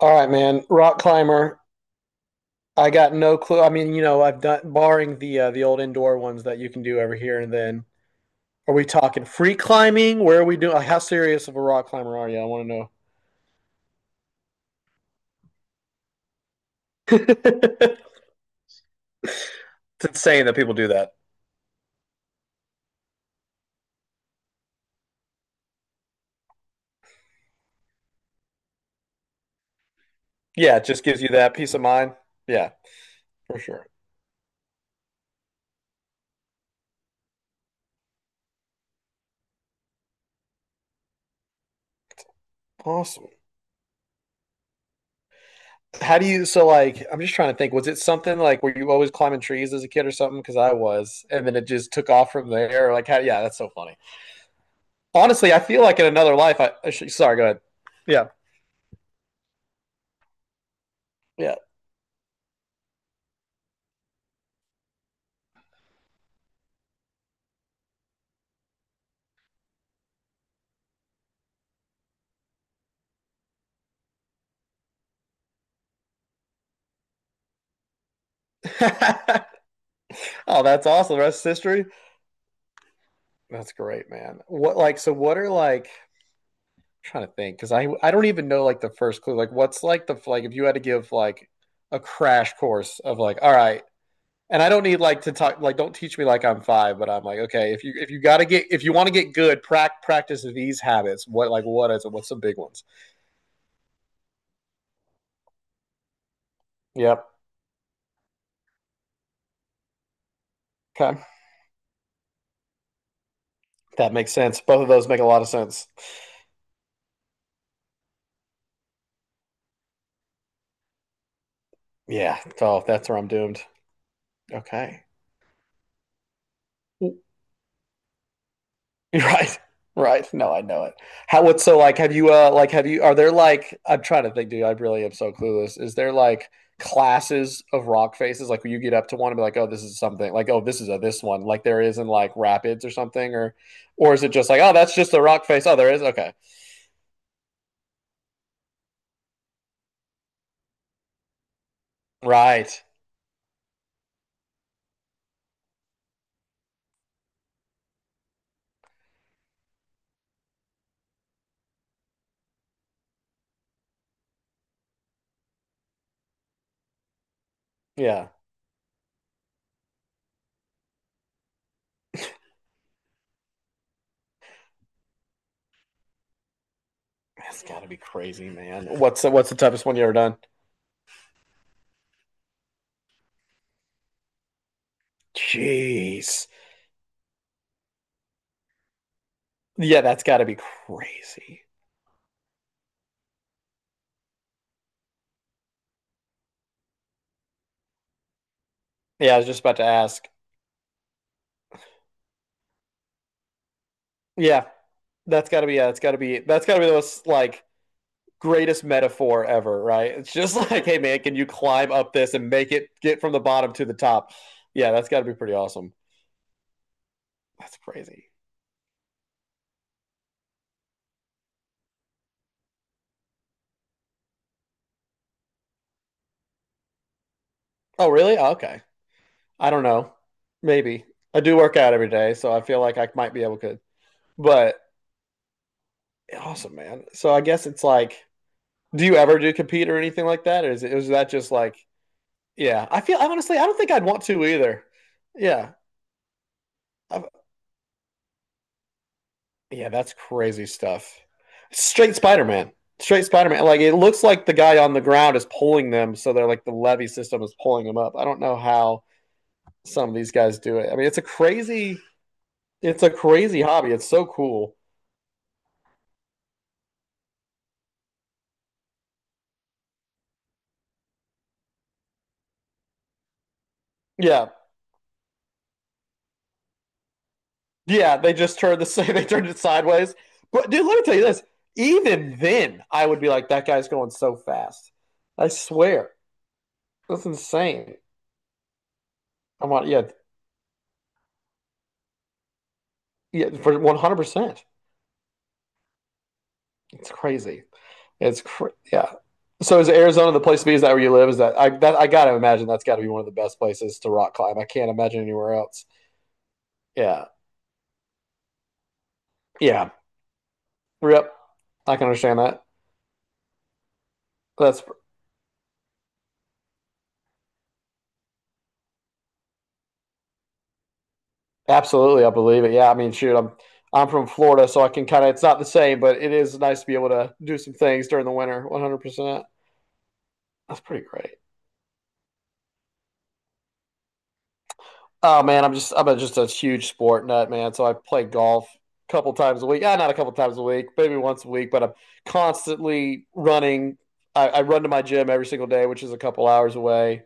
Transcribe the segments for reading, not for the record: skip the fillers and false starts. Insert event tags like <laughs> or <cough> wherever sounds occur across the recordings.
All right, man. Rock climber. I got no clue. I mean, I've done barring the old indoor ones that you can do every here and then. Are we talking free climbing? Where are we doing? Like, how serious of a rock climber are you? I want to know. <laughs> Yeah, it just gives you that peace of mind. Yeah, for sure. Awesome. How do you? So, like, I'm just trying to think. Was it something like were you always climbing trees as a kid or something? Because I was, and then it just took off from there. Like, how? Yeah, that's so funny. Honestly, I feel like in another life. Sorry. Go ahead. Yeah. Yeah. <laughs> Oh, that's awesome. The rest is history. That's great, man. What like so what are like I'm trying to think because I don't even know like the first clue. Like what's like the like if you had to give like a crash course of like, all right, and I don't need like to talk like don't teach me like I'm five, but I'm like, okay, if you want to get good, practice these habits. What like what is it? What's some big ones? Yep. Okay. That makes sense. Both of those make a lot of sense. Yeah. Oh, that's where I'm doomed. Okay. <laughs> Right. Right. No, I know it. How, what's so like, have you, are there like, I'm trying to think, dude, I really am so clueless. Is there like classes of rock faces? Like, where you get up to one and be like, oh, this is something, like, oh, this is a this one, like there is in like rapids or something, or is it just like, oh, that's just a rock face? Oh, there is. Okay. Right. Yeah. That's gotta be crazy, man. What's the toughest one you ever done? Jeez. Yeah, that's gotta be crazy. Yeah, I was just about to ask. Yeah, that's got to be, yeah, that's got to be the most like greatest metaphor ever, right? It's just <laughs> like, hey man, can you climb up this and make it get from the bottom to the top? Yeah, that's got to be pretty awesome. That's crazy. Oh, really? Oh, okay. I don't know. Maybe I do work out every day, so I feel like I might be able to. But awesome, man. So I guess it's like, do you ever do compete or anything like that, or is that just like, yeah? I feel I honestly I don't think I'd want to either. Yeah, I, Yeah, that's crazy stuff. Straight Spider Man. Straight Spider Man. Like it looks like the guy on the ground is pulling them, so they're like the levee system is pulling them up. I don't know how some of these guys do it. I mean, it's a crazy hobby. It's so cool. Yeah, yeah. They just turned the <laughs> same. They turned it sideways. But dude, let me tell you this. Even then, I would be like, that guy's going so fast. I swear, that's insane. I'm on. Yeah, yeah. For 100%, it's crazy. Yeah. So is Arizona the place to be? Is that where you live? Is that I gotta imagine that's got to be one of the best places to rock climb. I can't imagine anywhere else. Yeah, yeah. Yep, I can understand that. That's absolutely. I believe it. Yeah. I mean, shoot, I'm from Florida, so I can kind of. It's not the same, but it is nice to be able to do some things during the winter. 100%. That's pretty great. Oh man, I'm just a huge sport nut, man. So I play golf a couple times a week. Yeah, not a couple times a week, maybe once a week, but I'm constantly running. I run to my gym every single day, which is a couple hours away.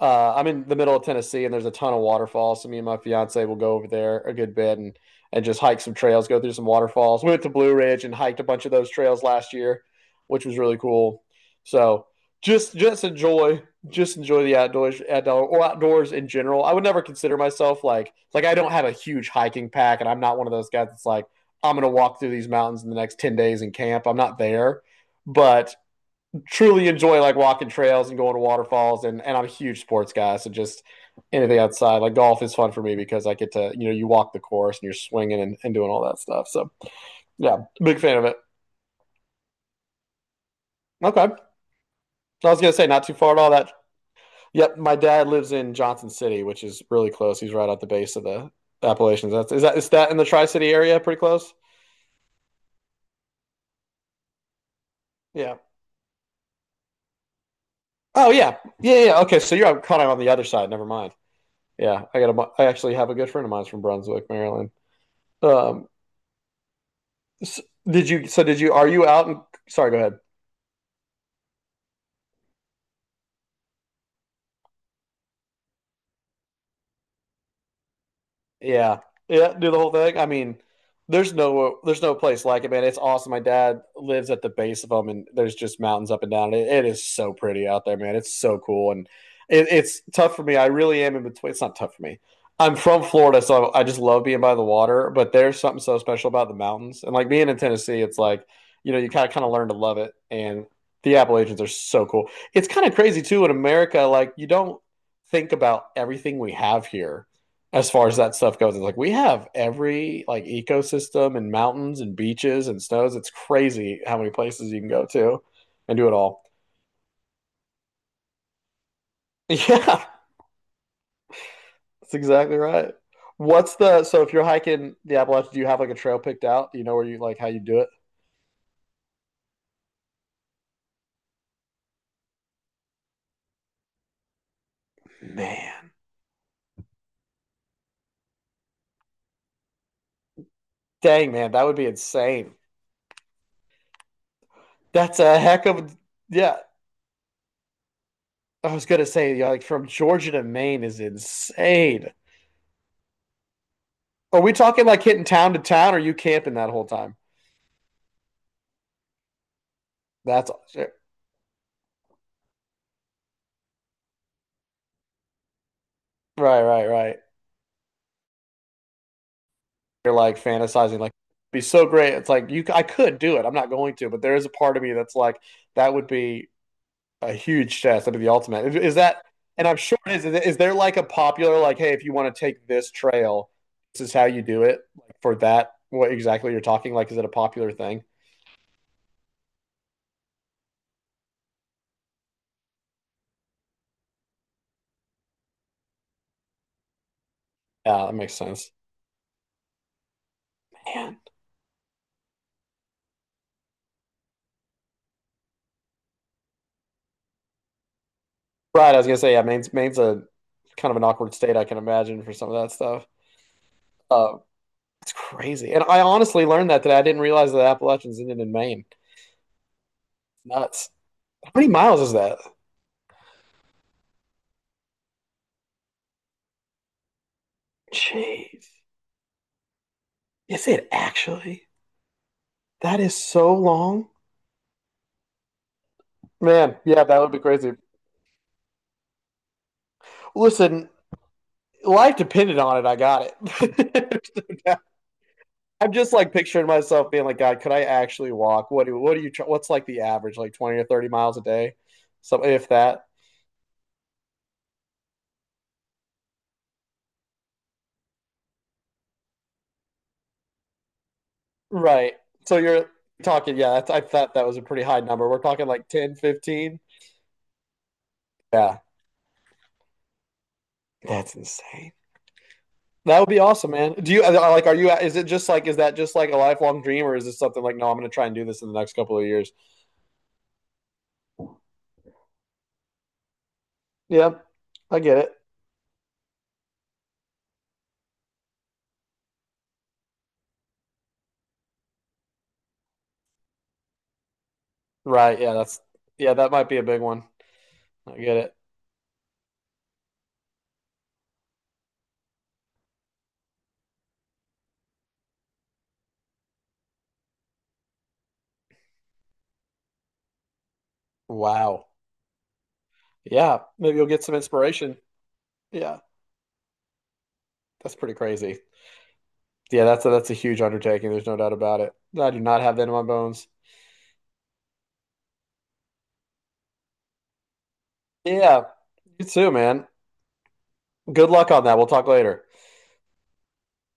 I'm in the middle of Tennessee, and there's a ton of waterfalls. So me and my fiance will go over there a good bit and just hike some trails, go through some waterfalls. We went to Blue Ridge and hiked a bunch of those trails last year, which was really cool. So just just enjoy just enjoy the outdoors, outdoor or outdoors in general. I would never consider myself like I don't have a huge hiking pack, and I'm not one of those guys that's like I'm gonna walk through these mountains in the next 10 days and camp. I'm not there, but truly enjoy like walking trails and going to waterfalls, and I'm a huge sports guy, so just anything outside like golf is fun for me because I get to you walk the course and you're swinging and doing all that stuff. So yeah, big fan of it. Okay, so I was gonna say not too far at all. That Yep, my dad lives in Johnson City, which is really close. He's right at the base of the Appalachians. That's is that in the Tri City area? Pretty close. Yeah. Oh yeah, yeah, yeah. Yeah. Okay, so you're kind of on the other side. Never mind. Yeah, I got a. I actually have a good friend of mine from Brunswick, Maryland. Um, s- did you? So did you? Are you out? Sorry, go ahead. Yeah. Yeah, do the whole thing. I mean, there's no place like it, man. It's awesome. My dad lives at the base of them, and there's just mountains up and down. It is so pretty out there, man. It's so cool, and it's tough for me. I really am in between. It's not tough for me. I'm from Florida, so I just love being by the water. But there's something so special about the mountains, and like being in Tennessee, it's like you kind of learn to love it, and the Appalachians are so cool. It's kind of crazy too in America. Like you don't think about everything we have here as far as that stuff goes. It's like we have every like ecosystem and mountains and beaches and snows. It's crazy how many places you can go to and do it all. <laughs> Yeah, that's exactly right. What's the So if you're hiking the Appalachians, do you have like a trail picked out? Do you know where you like how you do it? Man, dang man, that would be insane. That's a heck of a- yeah. I was gonna say yeah, like from Georgia to Maine is insane. Are we talking like hitting town to town? Or are you camping that whole time? That's right, right, right. You're like fantasizing like be so great. It's like you I could do it. I'm not going to, but there is a part of me that's like that would be a huge test. That'd be the ultimate. Is that, and I'm sure it is. Is there like a popular like, hey, if you want to take this trail, this is how you do it like for that, what exactly you're talking, like is it a popular thing? Yeah, that makes sense, man. Right, I was gonna say, yeah, Maine's a kind of an awkward state, I can imagine, for some of that stuff. uh it's crazy, and I honestly learned that today. I didn't realize that Appalachians ended in Maine. Nuts. How many miles is that? Jeez. Is it actually? That is so long. Man, yeah, that would be crazy. Listen, life depended on it. I got it. <laughs> I'm just like picturing myself being like, God, could I actually walk? What do you what's like the average, like 20 or 30 miles a day? So if that, right. So you're talking, yeah, I thought that was a pretty high number. We're talking like 10, 15. Yeah, that's insane. That would be awesome, man. Do you like? Are you? Is it just like? Is that just like a lifelong dream, or is this something like? No, I'm going to try and do this in the next couple of years. Yeah, I get it. Right. Yeah, that's. Yeah, that might be a big one. I get it. Wow. Yeah, maybe you'll get some inspiration. Yeah, that's pretty crazy. Yeah, that's a huge undertaking. There's no doubt about it. I do not have that in my bones. Yeah, you too, man. Good luck on that. We'll talk later.